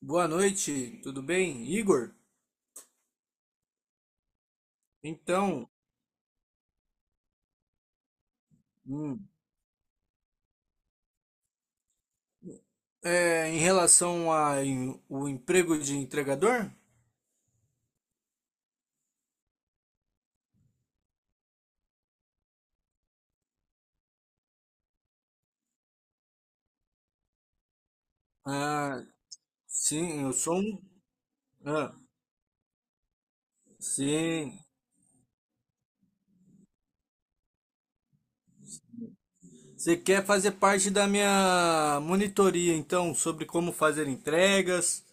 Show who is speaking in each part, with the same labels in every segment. Speaker 1: Boa noite, tudo bem, Igor? Então, hum, em relação ao o emprego de entregador, ah, sim, eu sou um. Ah, sim, você quer fazer parte da minha monitoria, então, sobre como fazer entregas,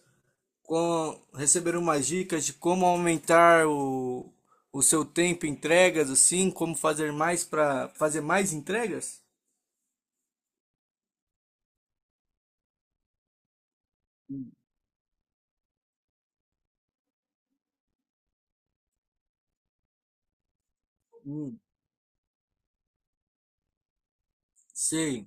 Speaker 1: receber umas dicas de como aumentar o seu tempo em entregas, assim, como fazer mais para fazer mais entregas? Hum, sei.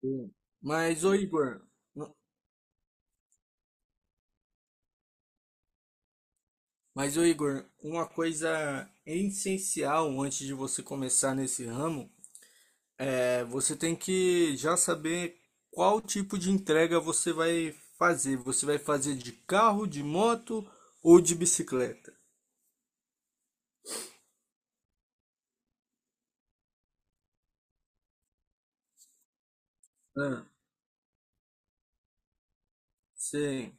Speaker 1: Sim. Mas, ô Igor, n- mas, ô Igor, uma coisa essencial antes de você começar nesse ramo é você tem que já saber qual tipo de entrega você vai fazer. Você vai fazer de carro, de moto ou de bicicleta? Ah, sim.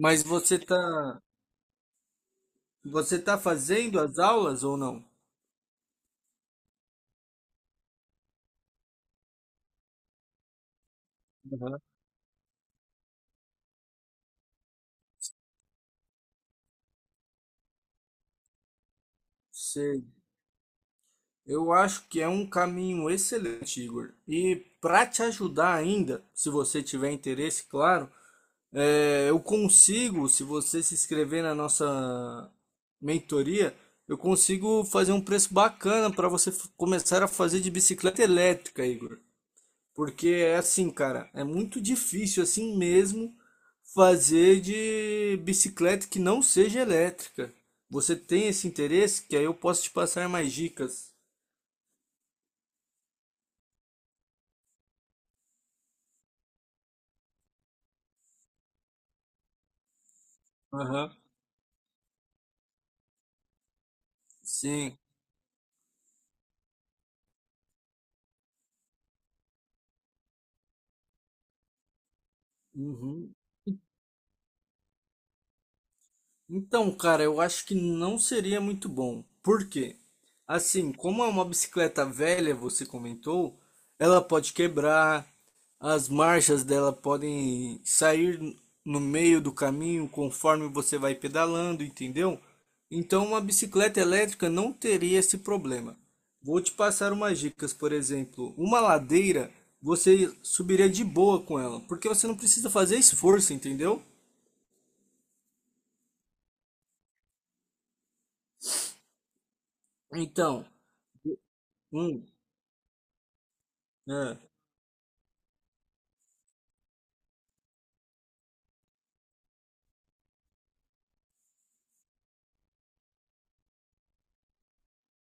Speaker 1: Mas você tá fazendo as aulas ou não? Sim. Eu acho que é um caminho excelente, Igor. E para te ajudar ainda, se você tiver interesse, claro, eu consigo, se você se inscrever na nossa mentoria, eu consigo fazer um preço bacana para você começar a fazer de bicicleta elétrica, Igor. Porque é assim, cara, é muito difícil assim mesmo fazer de bicicleta que não seja elétrica. Você tem esse interesse? Que aí eu posso te passar mais dicas. Sim. Uhum. Então, cara, eu acho que não seria muito bom. Por quê? Assim, como é uma bicicleta velha, você comentou, ela pode quebrar, as marchas dela podem sair no meio do caminho conforme você vai pedalando, entendeu? Então, uma bicicleta elétrica não teria esse problema. Vou te passar umas dicas, por exemplo, uma ladeira você subiria de boa com ela, porque você não precisa fazer esforço, entendeu? Então, hum, é,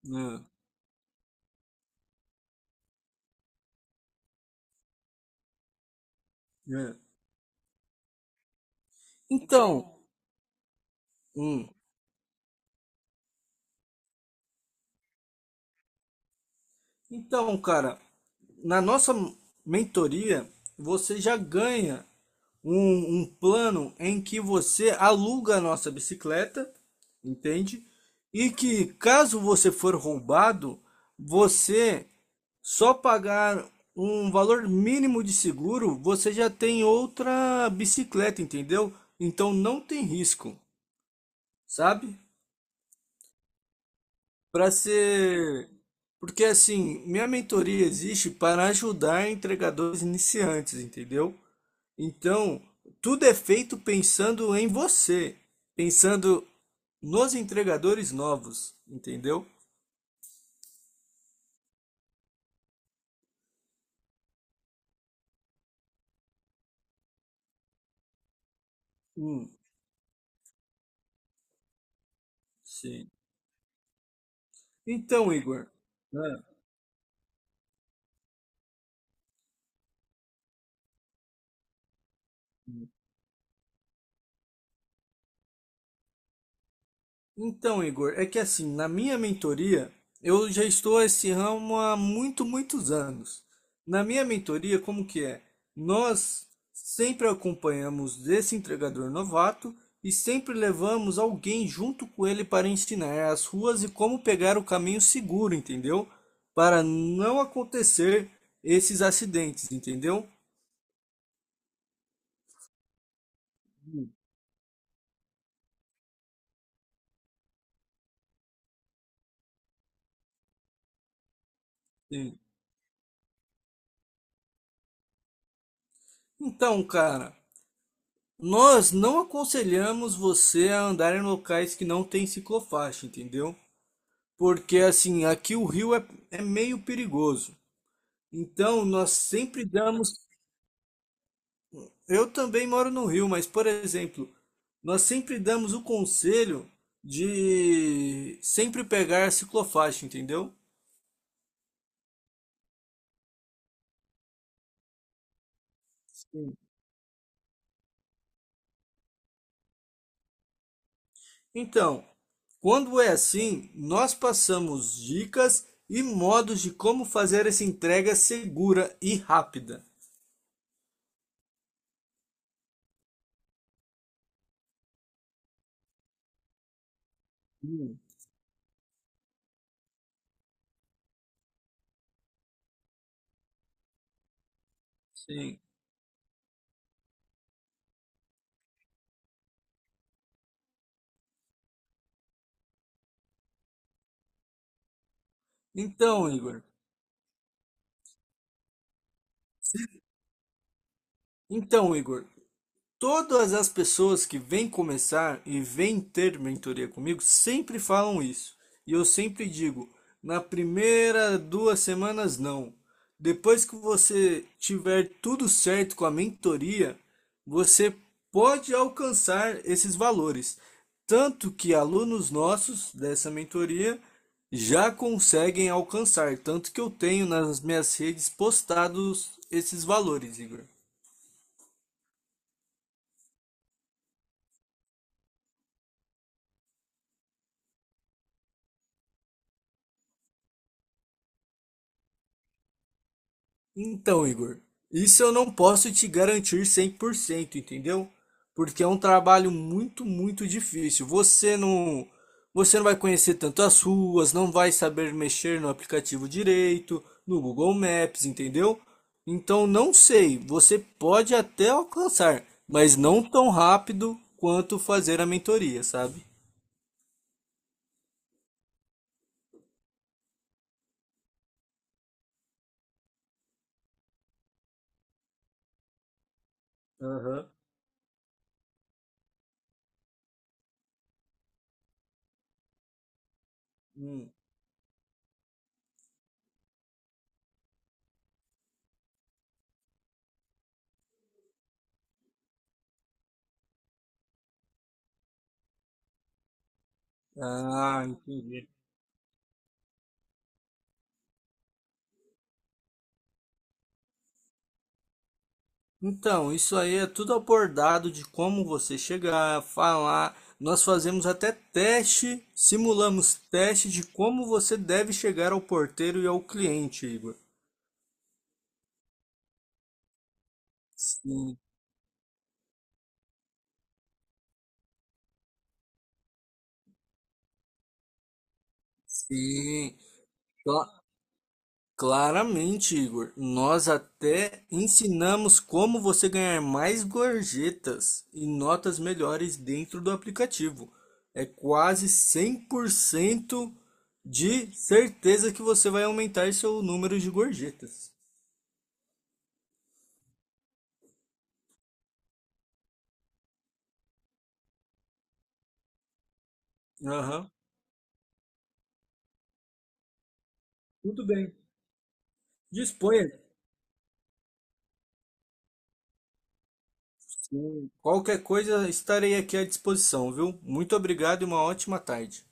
Speaker 1: é, é. Então, hum, então, cara, na nossa mentoria, você já ganha um plano em que você aluga a nossa bicicleta, entende? E que caso você for roubado, você só pagar um valor mínimo de seguro, você já tem outra bicicleta, entendeu? Então não tem risco, sabe? Para ser. Porque assim, minha mentoria existe para ajudar entregadores iniciantes, entendeu? Então, tudo é feito pensando em você, pensando nos entregadores novos, entendeu? Hum, sim. Então, Igor, né? Então, Igor, é que assim, na minha mentoria, eu já estou esse ramo há muito, muitos anos. Na minha mentoria, como que é? Nós sempre acompanhamos esse entregador novato e sempre levamos alguém junto com ele para ensinar as ruas e como pegar o caminho seguro, entendeu? Para não acontecer esses acidentes, entendeu? Sim. Então, cara, nós não aconselhamos você a andar em locais que não tem ciclofaixa, entendeu? Porque assim, aqui o Rio é meio perigoso. Então, nós sempre damos. Eu também moro no Rio, mas, por exemplo, nós sempre damos o conselho de sempre pegar a ciclofaixa, entendeu? Sim. Então, quando é assim, nós passamos dicas e modos de como fazer essa entrega segura e rápida. Sim. Então, Igor. Então, Igor, todas as pessoas que vêm começar e vêm ter mentoria comigo sempre falam isso. E eu sempre digo, na primeira 2 semanas não. Depois que você tiver tudo certo com a mentoria, você pode alcançar esses valores. Tanto que alunos nossos dessa mentoria já conseguem alcançar. Tanto que eu tenho nas minhas redes postados esses valores, Igor. Então, Igor, isso eu não posso te garantir 100%, entendeu? Porque é um trabalho muito, muito difícil. Você não vai conhecer tanto as ruas, não vai saber mexer no aplicativo direito, no Google Maps, entendeu? Então, não sei, você pode até alcançar, mas não tão rápido quanto fazer a mentoria, sabe? Aham. Hum. Ah, entendi. Então, isso aí é tudo abordado de como você chegar, falar. Nós fazemos até teste, simulamos teste de como você deve chegar ao porteiro e ao cliente, Igor. Sim, sim. Claramente, Igor. Nós até ensinamos como você ganhar mais gorjetas e notas melhores dentro do aplicativo. É quase 100% de certeza que você vai aumentar seu número de gorjetas. Aham, tudo bem. Disponha. Sim. Qualquer coisa, estarei aqui à disposição, viu? Muito obrigado e uma ótima tarde.